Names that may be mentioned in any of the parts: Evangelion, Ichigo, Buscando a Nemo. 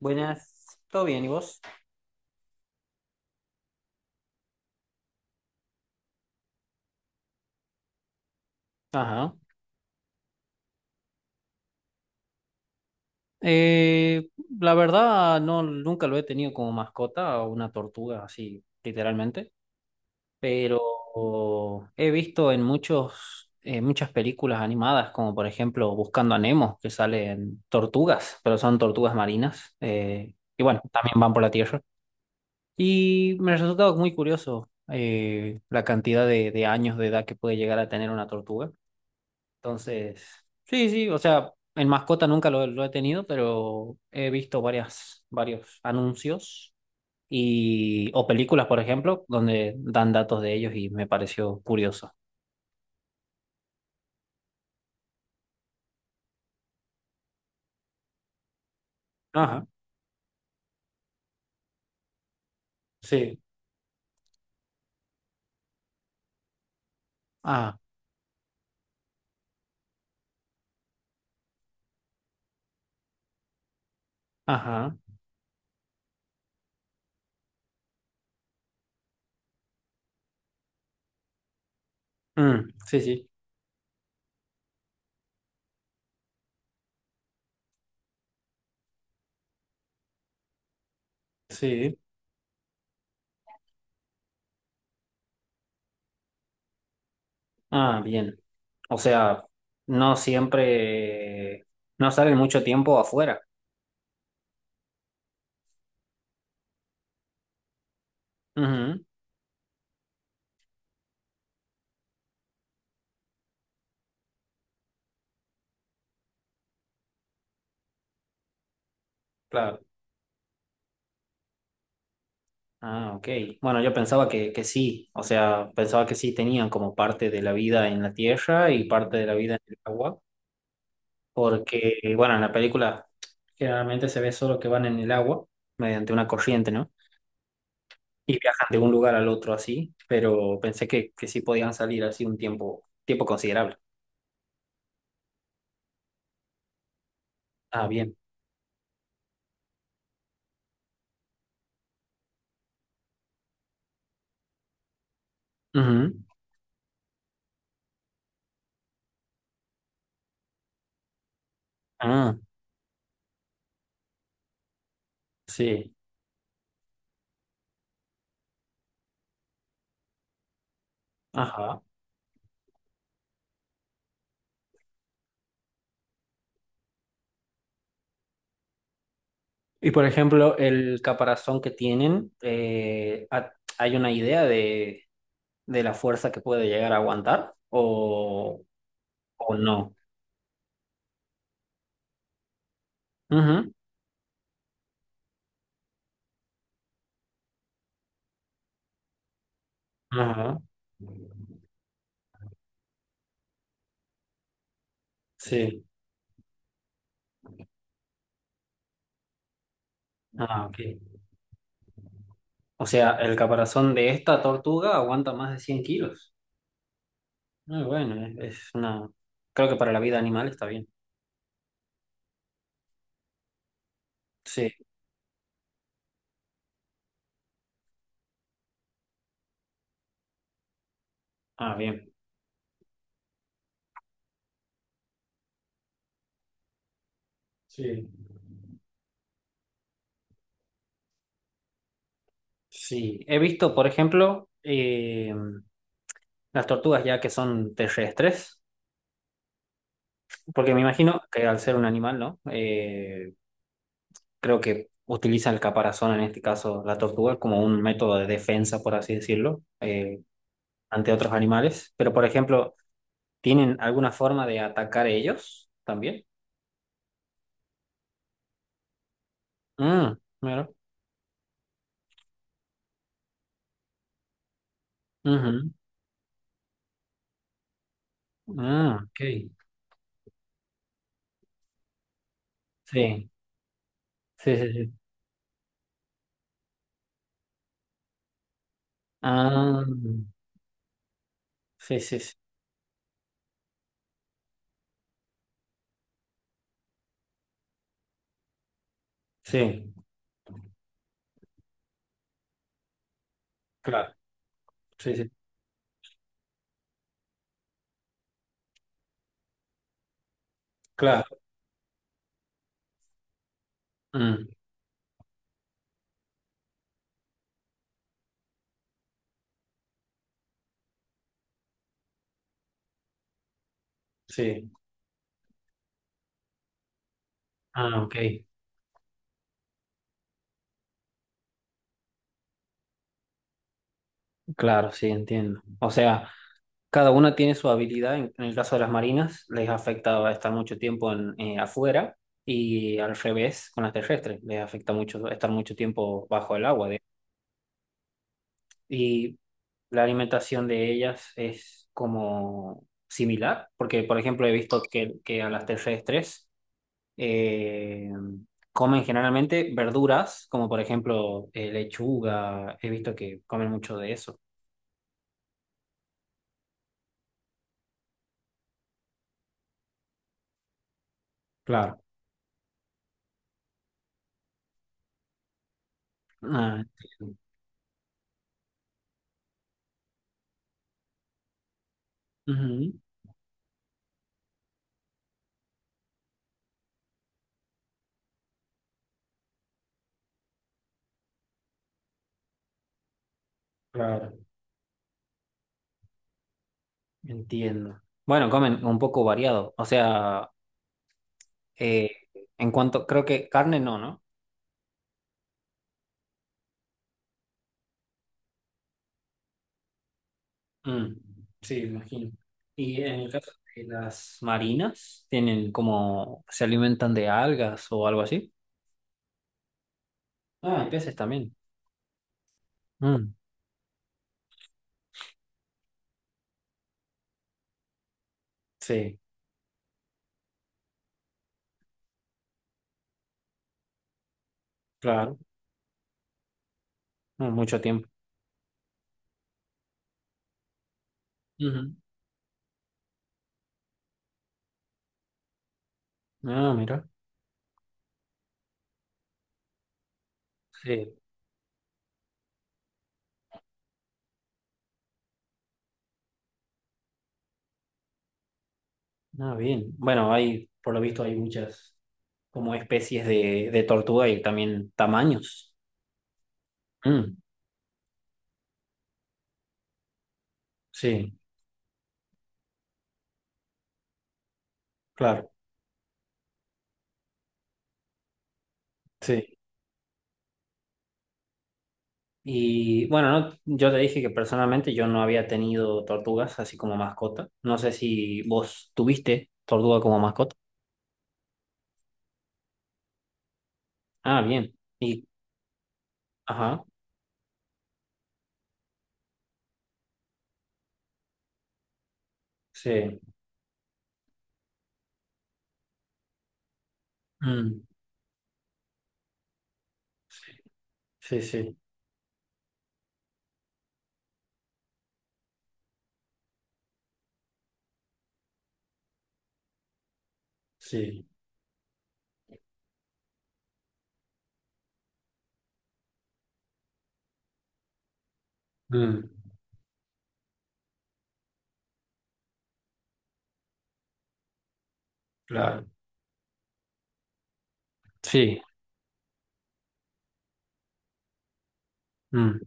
Buenas, ¿todo bien? ¿Y vos? Ajá. Eh, la verdad, no, nunca lo he tenido como mascota, una tortuga así, literalmente, pero he visto en muchas películas animadas, como por ejemplo Buscando a Nemo, que salen tortugas, pero son tortugas marinas, y bueno, también van por la tierra. Y me resultaba muy curioso la cantidad de años de edad que puede llegar a tener una tortuga. Entonces, sí, sí, o sea, en mascota nunca lo he tenido, pero he visto varios anuncios o películas, por ejemplo, donde dan datos de ellos y me pareció curioso. Ajá, sí, ah, ajá, mm, sí, sí, sí, ah, bien. O sea, no siempre, no salen mucho tiempo afuera. Ujú, claro. Ah, ok. Bueno, yo pensaba que sí, o sea, pensaba que sí tenían como parte de la vida en la tierra y parte de la vida en el agua, porque, bueno, en la película generalmente se ve solo que van en el agua mediante una corriente, ¿no? Y viajan de un lugar al otro así, pero pensé que sí podían salir así un tiempo considerable. Ah, bien. Ujú. Ah, sí. Ajá. Y por ejemplo, el caparazón que tienen, ¿hay una idea de la fuerza que puede llegar a aguantar o no? Ujú, ajá, sí. Ah, ok. O sea, el caparazón de esta tortuga aguanta más de 100 kilos. Muy bueno, es una. Creo que para la vida animal está bien. Sí. Ah, bien. Sí. Sí. He visto, por ejemplo, las tortugas ya que son terrestres, porque me imagino que al ser un animal, ¿no? Creo que utiliza el caparazón, en este caso la tortuga, como un método de defensa, por así decirlo, ante otros animales. Pero, por ejemplo, ¿tienen alguna forma de atacar ellos también? Mm, mira. Ujú. Ah, ok. Sí, sí, sí, sí. Ah, sí, sí, sí. Sí, claro. Sí, sí, claro. Mm, sí. Ah, ok. Claro, sí, entiendo. O sea. Cada una tiene su habilidad. En el caso de las marinas, les afecta estar mucho tiempo en, afuera y al revés con las terrestres, les afecta mucho estar mucho tiempo bajo el agua. Y la alimentación de ellas es como similar, porque por ejemplo he visto que a las terrestres eh, comen generalmente verduras, como por ejemplo lechuga, he visto que comen mucho de eso. Claro. Ah, entiendo. Ujú, claro. Entiendo. Bueno, comen un poco variado. O sea, eh, en cuanto, creo que carne no, ¿no? Mm, sí, me imagino. Y en el caso de las marinas, tienen como, se alimentan de algas o algo así. Ah, y peces también. Mm, sí, claro. No, mucho tiempo. Ujú. Ah, mira. Sí. Ah, bien. Bueno, hay, por lo visto, hay muchas como especies de tortuga y también tamaños. Mm, sí, claro. Sí. Y bueno, no, yo te dije que personalmente yo no había tenido tortugas así como mascota. No sé si vos tuviste tortuga como mascota. Ah, bien. Ajá, sí. Mm, sí, sí, sí. Mm, claro. Sí, mm,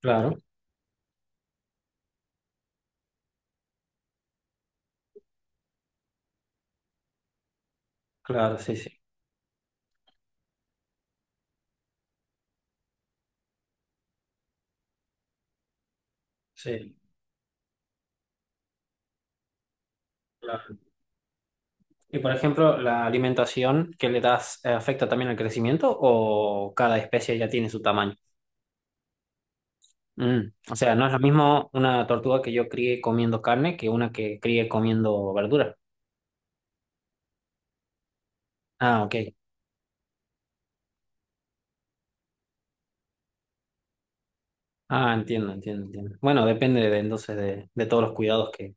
claro, claro, sí, sí, sí, claro. Y por ejemplo, ¿la alimentación que le das afecta también al crecimiento o cada especie ya tiene su tamaño? Mm. O sea, no es lo mismo una tortuga que yo críe comiendo carne que una que críe comiendo verdura. Ah, ok. Ah, entiendo, entiendo, entiendo. Bueno, depende de, entonces de todos los cuidados que,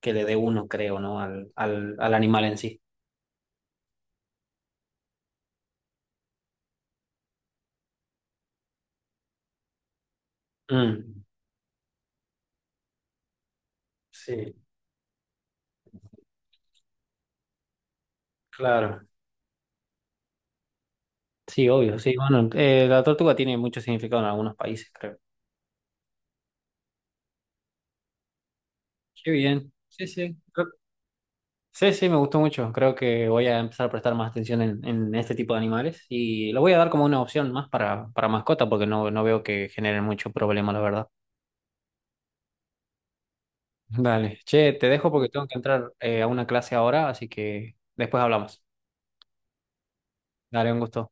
que le dé uno, creo, ¿no? Al animal en sí. Mm. Sí, claro. Sí, obvio. Sí, bueno, la tortuga tiene mucho significado en algunos países, creo. Qué bien. Sí, sí. Creo Sí, sí, me gustó mucho. Creo que voy a empezar a prestar más atención en este tipo de animales y lo voy a dar como una opción más para mascota porque no veo que generen mucho problema, la verdad. Dale, che, te dejo porque tengo que entrar a una clase ahora, así que después hablamos. Dale, un gusto.